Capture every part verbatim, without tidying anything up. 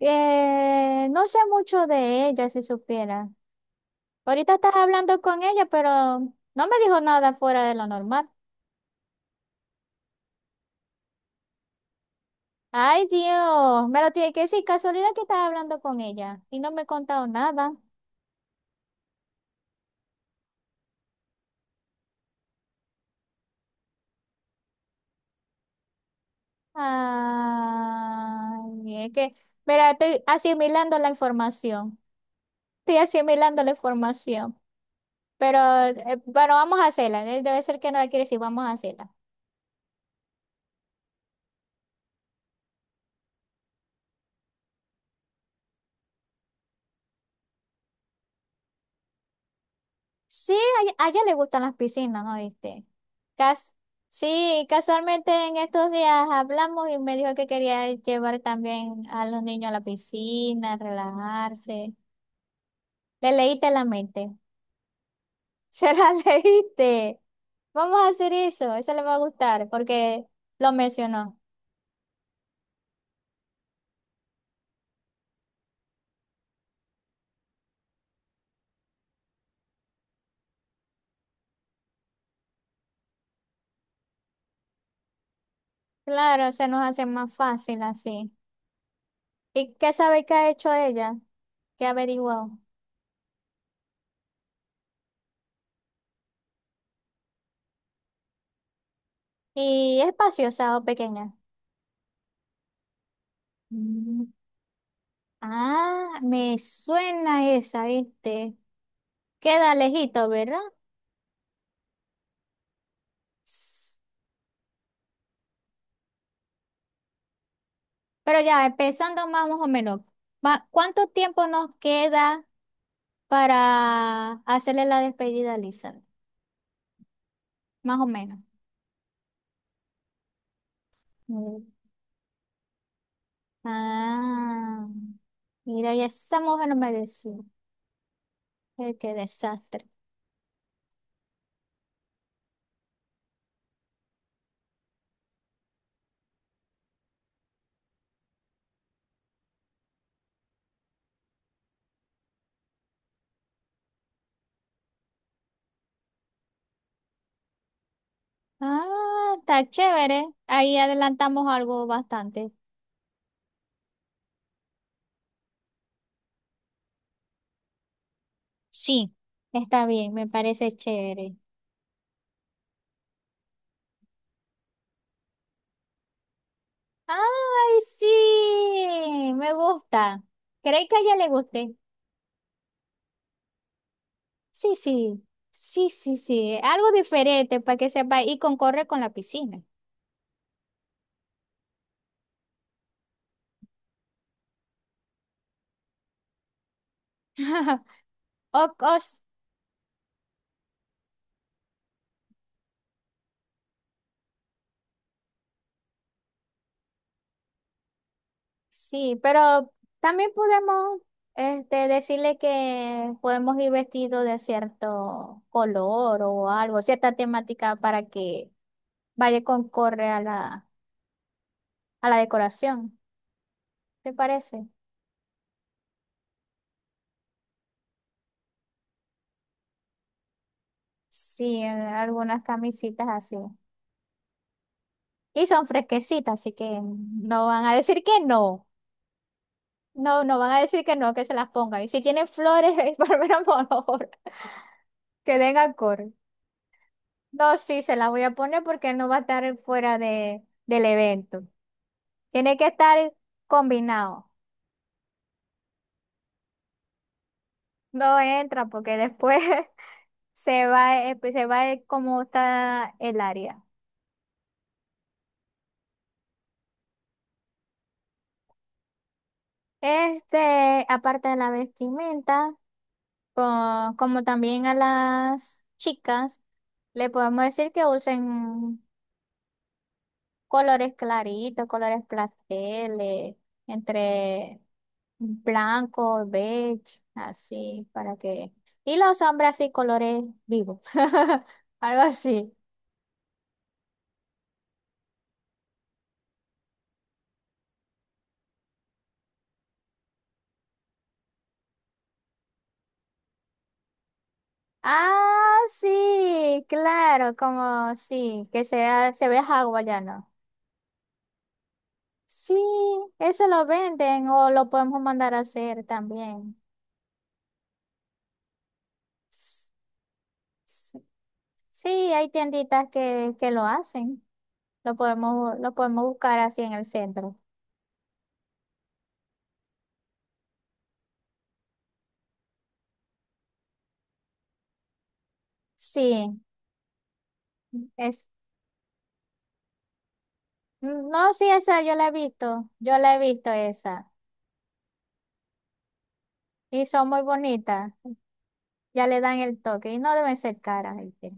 Eh, no sé mucho de ella, si supiera. Ahorita estás hablando con ella, pero no me dijo nada fuera de lo normal. Ay, Dios, me lo tiene que decir. Casualidad que estás hablando con ella y no me ha contado nada. Ay, es que, mira, estoy asimilando la información. Estoy asimilando la información. Pero, eh, pero vamos a hacerla. eh, Debe ser que no la quiere decir, vamos a hacerla. Sí, a, ella, a ella le gustan las piscinas, ¿no viste? Cas Sí, casualmente en estos días hablamos y me dijo que quería llevar también a los niños a la piscina, relajarse. Le leíste la mente. Se la leíste. Vamos a hacer eso, eso le va a gustar porque lo mencionó. Claro, se nos hace más fácil así. ¿Y qué sabe que ha hecho ella? ¿Qué ha averiguado? ¿Y es espaciosa o pequeña? Ah, me suena esa, ¿viste? Queda lejito, ¿verdad? S- Pero ya, empezando más o menos, ma- ¿cuánto tiempo nos queda para hacerle la despedida a Lisa? Más o menos. Mm. Ah, mira, y esa mujer no me decía. Eh, Qué desastre. Ah, está chévere. Ahí adelantamos algo bastante. Sí, está bien, me parece chévere. Ay, sí, me gusta. ¿Crees que a ella le guste? Sí, sí, sí, sí, sí. Algo diferente para que sepa y concorre con la piscina. O, o s- sí, pero también podemos este, decirle que podemos ir vestidos de cierto color o algo, cierta temática para que vaya y concorre a la, a la decoración. ¿Te parece? Sí, en algunas camisitas así. Y son fresquecitas, así que no van a decir que no. No, no van a decir que no, que se las pongan. Y si tienen flores, por menos, por favor, que den acorde. No, sí, se las voy a poner porque él no va a estar fuera de, del evento. Tiene que estar combinado. No entra porque después se va, eh, pues, se va eh, como está el área. Este, aparte de la vestimenta. Co- como también a las chicas, le podemos decir que usen colores claritos, colores pasteles, entre blanco, beige, así, para que... Y los hombres así, colores vivos, algo así. Ah, sí, claro, como sí, que sea, se vea hawaiano. Sí, eso lo venden o lo podemos mandar a hacer también. S- Sí, hay tienditas que, que lo hacen. Lo podemos, lo podemos buscar así en el centro. Sí, es, no, sí, esa yo la he visto. Yo la he visto esa. Y son muy bonitas. Ya le dan el toque. Y no deben ser caras. ¿Viste?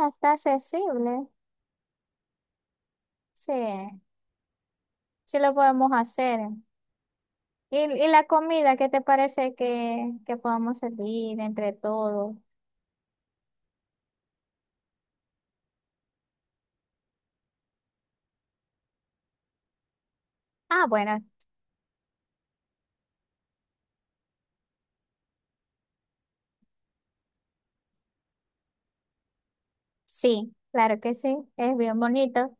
Ah, está accesible. Sí, sí lo podemos hacer. ¿Y, ¿y la comida, qué te parece que, que podamos servir entre todos? Ah, bueno, sí, claro que sí. Es bien bonito.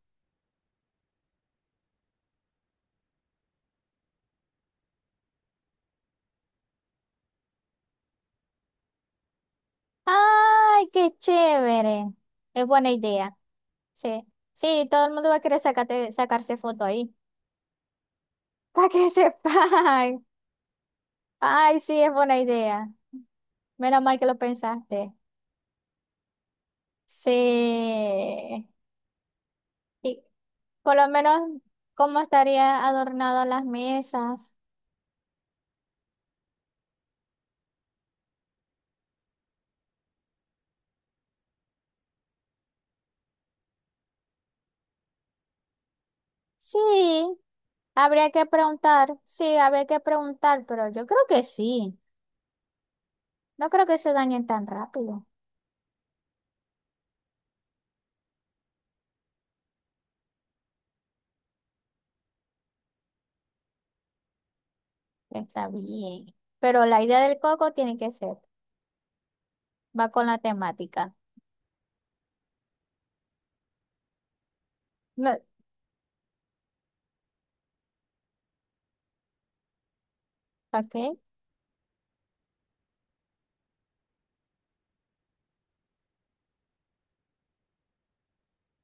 ¡Ay, qué chévere! Es buena idea. Sí, sí, todo el mundo va a querer sacate- sacarse foto ahí. Para que sepan. Ay, sí, es buena idea. Menos mal que lo pensaste. Sí. Y por lo menos, ¿cómo estaría adornado las mesas? Sí, habría que preguntar. Sí, habría que preguntar, pero yo creo que sí. No creo que se dañen tan rápido. Está bien. Pero la idea del coco tiene que ser. Va con la temática. No, ¿para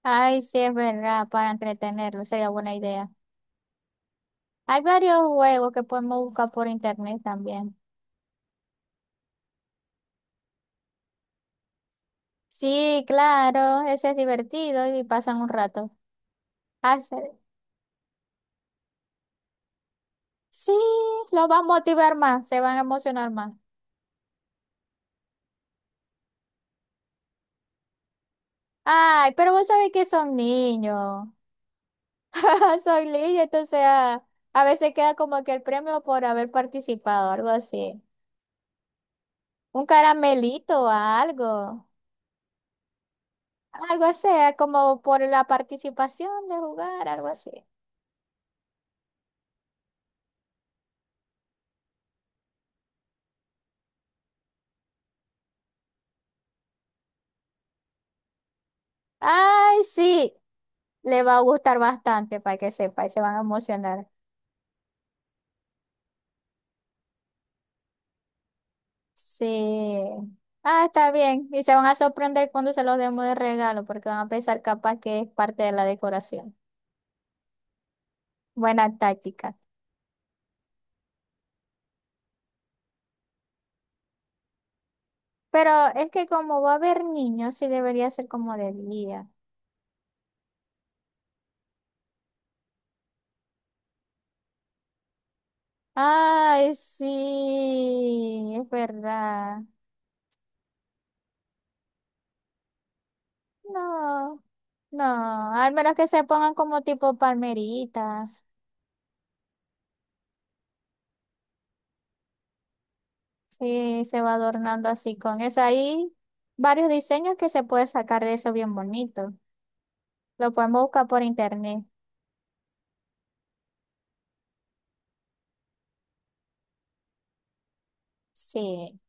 Ay, sí, es verdad, para entretenerlo, sería buena idea. Hay varios juegos que podemos buscar por internet también. Sí, claro, ese es divertido y pasan un rato. Hace- Sí, los va a motivar más, se van a emocionar más. Ay, pero vos sabés que son niños. Son niños, entonces ah, a veces queda como que el premio por haber participado, algo así. Un caramelito o algo. Algo así, ah, como por la participación de jugar, algo así. Ay, sí, le va a gustar bastante para que sepa y se van a emocionar. Sí. Ah, está bien. Y se van a sorprender cuando se los demos de regalo porque van a pensar capaz que es parte de la decoración. Buena táctica. Pero es que como va a haber niños, sí debería ser como de día. Ay, sí, es verdad. No. No, al menos que se pongan como tipo palmeritas. Sí, se va adornando así con eso. Hay varios diseños que se puede sacar de eso bien bonito. Lo podemos buscar por internet. Sí.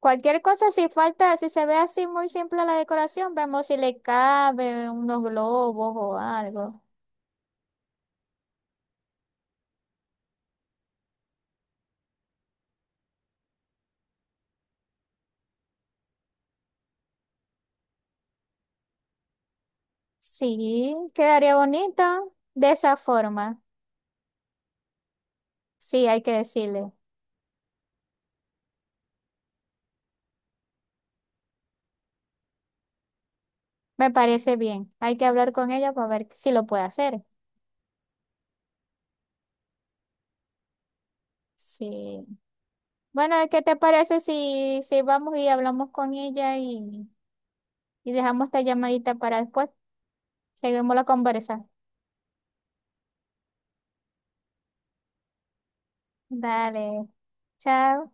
Cualquier cosa, si falta, si se ve así muy simple la decoración, vemos si le cabe unos globos o algo. Sí, quedaría bonito de esa forma. Sí, hay que decirle. Me parece bien. Hay que hablar con ella para ver si lo puede hacer. Sí. Bueno, ¿qué te parece si, si vamos y hablamos con ella y, y dejamos esta llamadita para después? Seguimos la conversa. Dale, chao.